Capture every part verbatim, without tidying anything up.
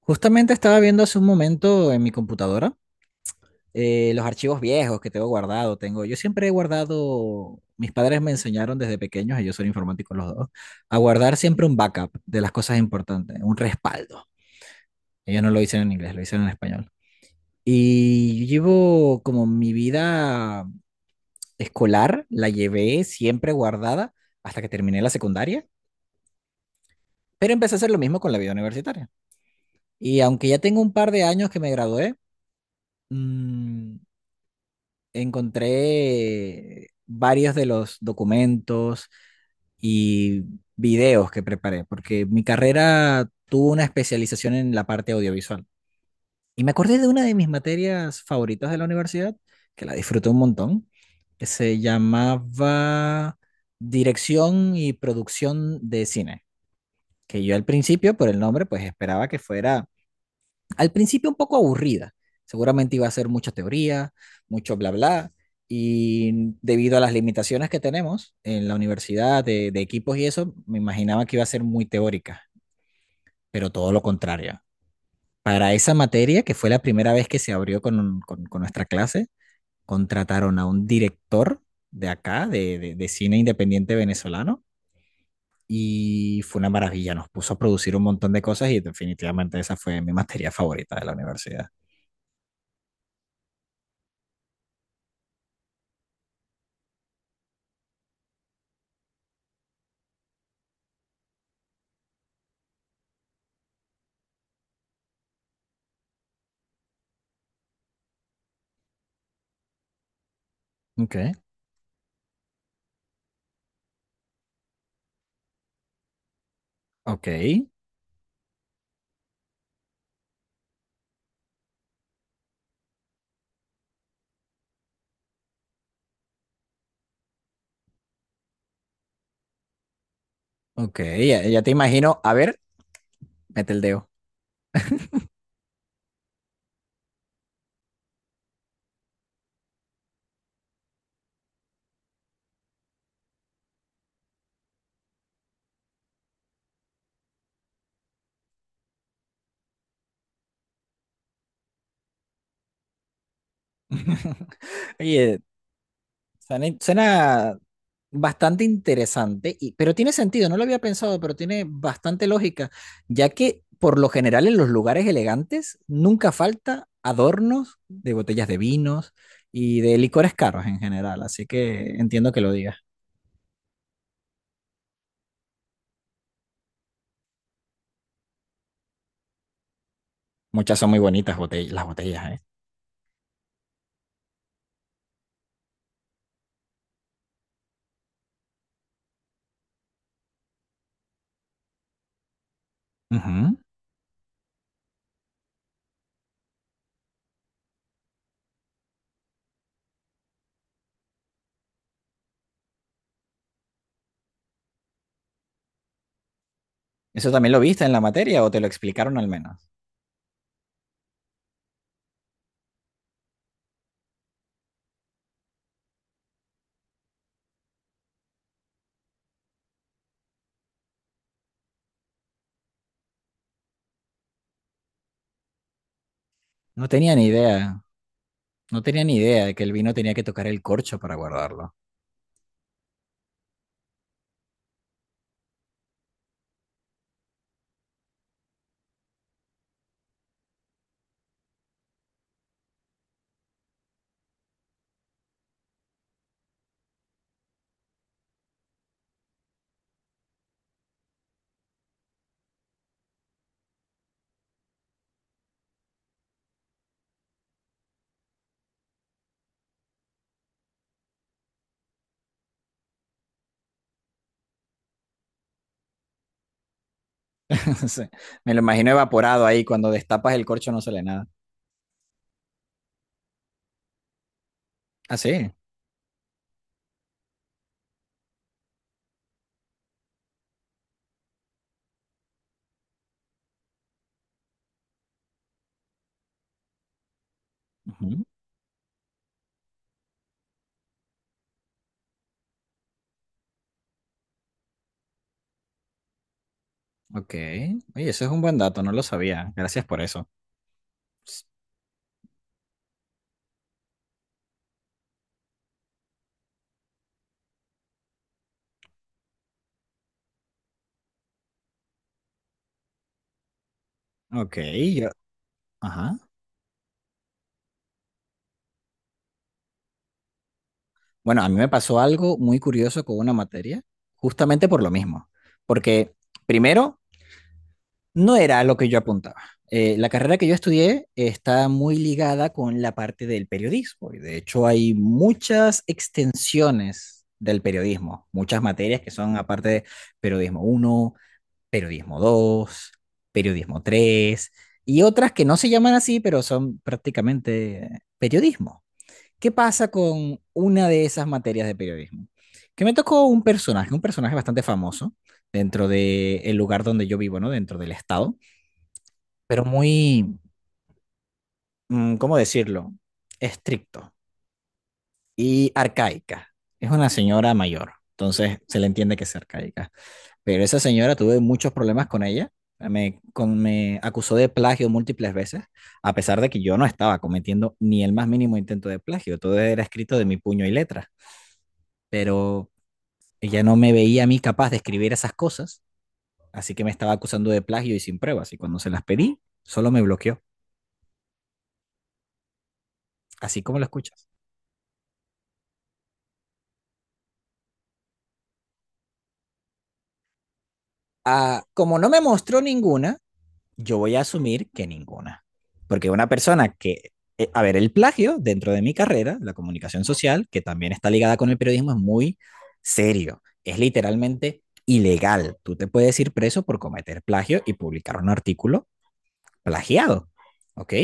Justamente estaba viendo hace un momento en mi computadora eh, los archivos viejos que tengo guardado. Tengo, yo siempre he guardado, mis padres me enseñaron desde pequeños, ellos son informáticos los dos, a guardar siempre un backup de las cosas importantes, un respaldo. Ellos no lo hicieron en inglés, lo hicieron en español. Y yo llevo como mi vida escolar, la llevé siempre guardada hasta que terminé la secundaria, pero empecé a hacer lo mismo con la vida universitaria. Y aunque ya tengo un par de años que me gradué, mm, encontré varios de los documentos y videos que preparé, porque mi carrera tuvo una especialización en la parte audiovisual. Y me acordé de una de mis materias favoritas de la universidad, que la disfruté un montón, que se llamaba Dirección y Producción de Cine, que yo al principio, por el nombre, pues esperaba que fuera al principio un poco aburrida. Seguramente iba a ser mucha teoría, mucho bla bla, y debido a las limitaciones que tenemos en la universidad de, de equipos y eso, me imaginaba que iba a ser muy teórica, pero todo lo contrario. Para esa materia, que fue la primera vez que se abrió con, un- con- con nuestra clase, contrataron a un director de acá, de, de- de cine independiente venezolano, y fue una maravilla. Nos puso a producir un montón de cosas y definitivamente esa fue mi materia favorita de la universidad. Ok. Ok, ok, ya, ya te imagino. A ver, mete el dedo. Oye, suena, suena bastante interesante, y, pero tiene sentido, no lo había pensado, pero tiene bastante lógica, ya que por lo general en los lugares elegantes nunca falta adornos de botellas de vinos y de licores caros en general, así que entiendo que lo digas. Muchas son muy bonitas botellas, las botellas, ¿eh? Ujú. ¿Eso también lo viste en la materia o te lo explicaron al menos? No tenía ni idea. No tenía ni idea de que el vino tenía que tocar el corcho para guardarlo. Sí. Me lo imagino evaporado ahí, cuando destapas el corcho no sale nada. Ah, sí. Ujú. Ok. Oye, eso es un buen dato, no lo sabía. Gracias por eso. Ok, yo, ajá. Bueno, a mí me pasó algo muy curioso con una materia, justamente por lo mismo. Porque primero, no era lo que yo apuntaba. Eh, la carrera que yo estudié está muy ligada con la parte del periodismo. y De hecho, hay muchas extensiones del periodismo, muchas materias que son aparte de periodismo uno, periodismo dos, periodismo tres y otras que no se llaman así, pero son prácticamente periodismo. ¿Qué pasa con una de esas materias de periodismo? Que me tocó un personaje, un personaje bastante famoso dentro del lugar donde yo vivo, ¿no? Dentro del estado, pero muy, mm, ¿cómo decirlo? Estricto y arcaica. Es una señora mayor, entonces se le entiende que es arcaica. Pero esa señora tuve muchos problemas con ella. Me, con, me acusó de plagio múltiples veces, a pesar de que yo no estaba cometiendo ni el más mínimo intento de plagio. Todo era escrito de mi puño y letra. Pero ella no me veía a mí capaz de escribir esas cosas, así que me estaba acusando de plagio y sin pruebas. Y cuando se las pedí, solo me bloqueó, así como lo escuchas. Ah, como no me mostró ninguna, yo voy a asumir que ninguna. Porque una persona que, eh, a ver, el plagio dentro de mi carrera, la comunicación social, que también está ligada con el periodismo, es muy serio. Es literalmente ilegal. Tú te puedes ir preso por cometer plagio y publicar un artículo plagiado. ¿Ok?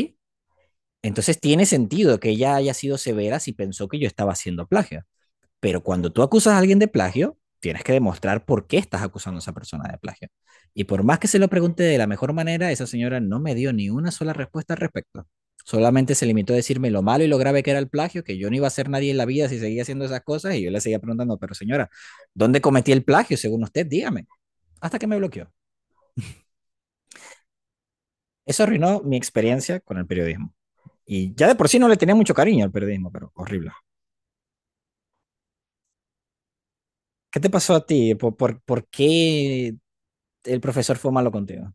Entonces tiene sentido que ella haya sido severa si pensó que yo estaba haciendo plagio. Pero cuando tú acusas a alguien de plagio, tienes que demostrar por qué estás acusando a esa persona de plagio. Y por más que se lo pregunte de la mejor manera, esa señora no me dio ni una sola respuesta al respecto. Solamente se limitó a decirme lo malo y lo grave que era el plagio, que yo no iba a ser nadie en la vida si seguía haciendo esas cosas. Y yo le seguía preguntando, pero señora, ¿dónde cometí el plagio según usted? Dígame. Hasta que me bloqueó. Eso arruinó mi experiencia con el periodismo. Y ya de por sí no le tenía mucho cariño al periodismo, pero horrible. ¿Qué te pasó a ti? ¿Por, por, por qué el profesor fue malo contigo?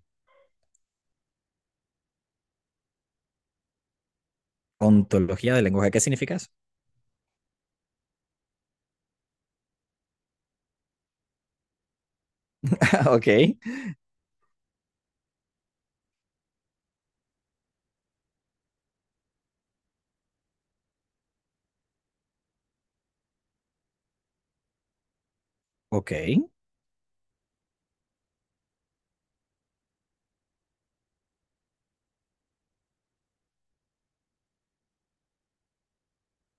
Ontología del lenguaje. ¿Qué significa eso? Ok. Ok,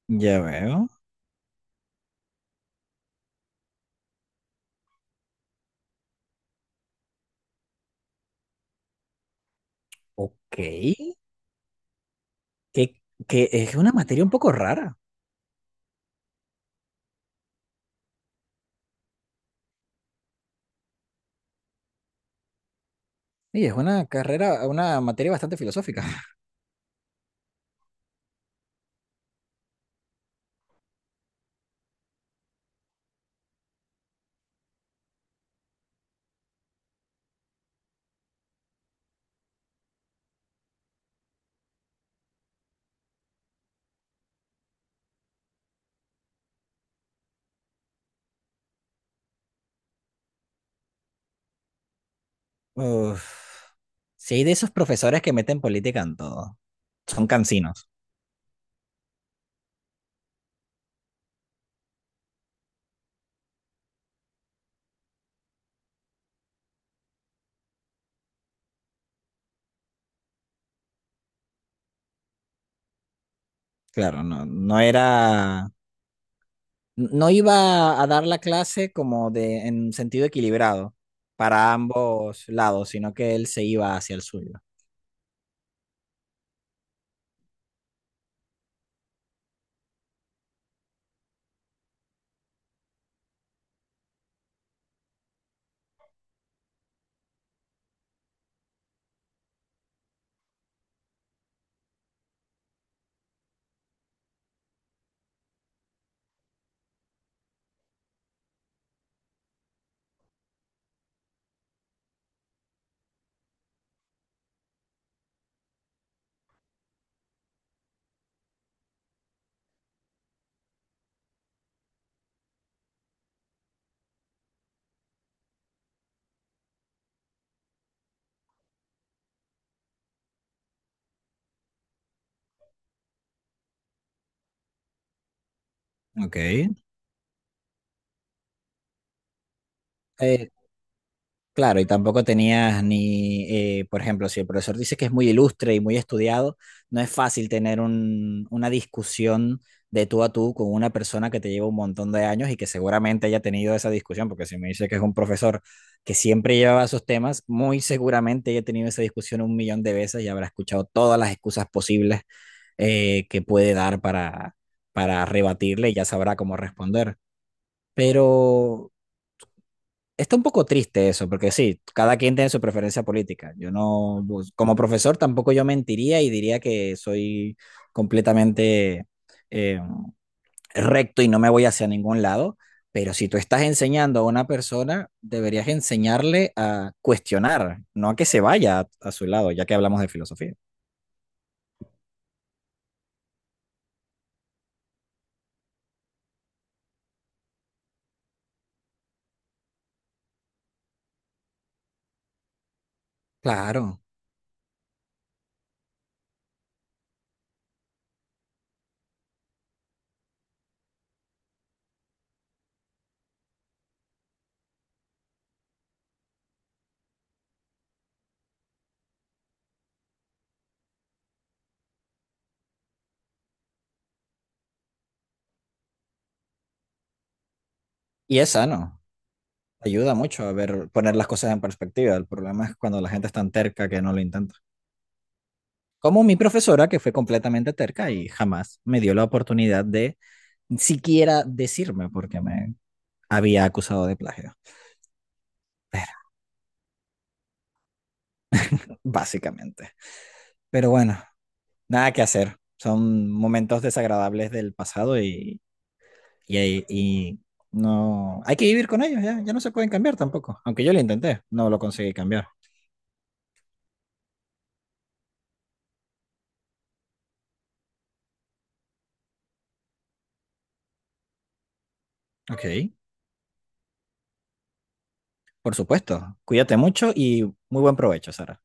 ya veo. Ok. Que, que es una materia un poco rara. Sí, es una carrera, una materia bastante filosófica. Uf. Sí, de esos profesores que meten política en todo. Son cansinos. Claro, no, no era. No iba a dar la clase como de, en sentido equilibrado para ambos lados, sino que él se iba hacia el suyo. Ok. Eh, claro, y tampoco tenías ni, eh, por ejemplo, si el profesor dice que es muy ilustre y muy estudiado, no es fácil tener un- una discusión de tú a tú con una persona que te lleva un montón de años y que seguramente haya tenido esa discusión, porque si me dice que es un profesor que siempre llevaba esos temas, muy seguramente haya tenido esa discusión un millón de veces y habrá escuchado todas las excusas posibles eh, que puede dar para, para rebatirle y ya sabrá cómo responder. Pero está un poco triste eso, porque sí, cada quien tiene su preferencia política. Yo no, pues, como profesor tampoco yo mentiría y diría que soy completamente eh, recto y no me voy hacia ningún lado, pero si tú estás enseñando a una persona, deberías enseñarle a cuestionar, no a que se vaya a, a su lado, ya que hablamos de filosofía. Claro, y es sano, ayuda mucho a ver, poner las cosas en perspectiva. El problema es cuando la gente es tan terca que no lo intenta. Como mi profesora, que fue completamente terca y jamás me dio la oportunidad de siquiera decirme porque me había acusado de plagio. Pero, básicamente. Pero bueno, nada que hacer. Son momentos desagradables del pasado y, y, ahí- y no... Hay que vivir con ellos, ya, ya no se pueden cambiar tampoco. Aunque yo lo intenté, no lo conseguí cambiar. Ok, por supuesto. Cuídate mucho y muy buen provecho, Sara.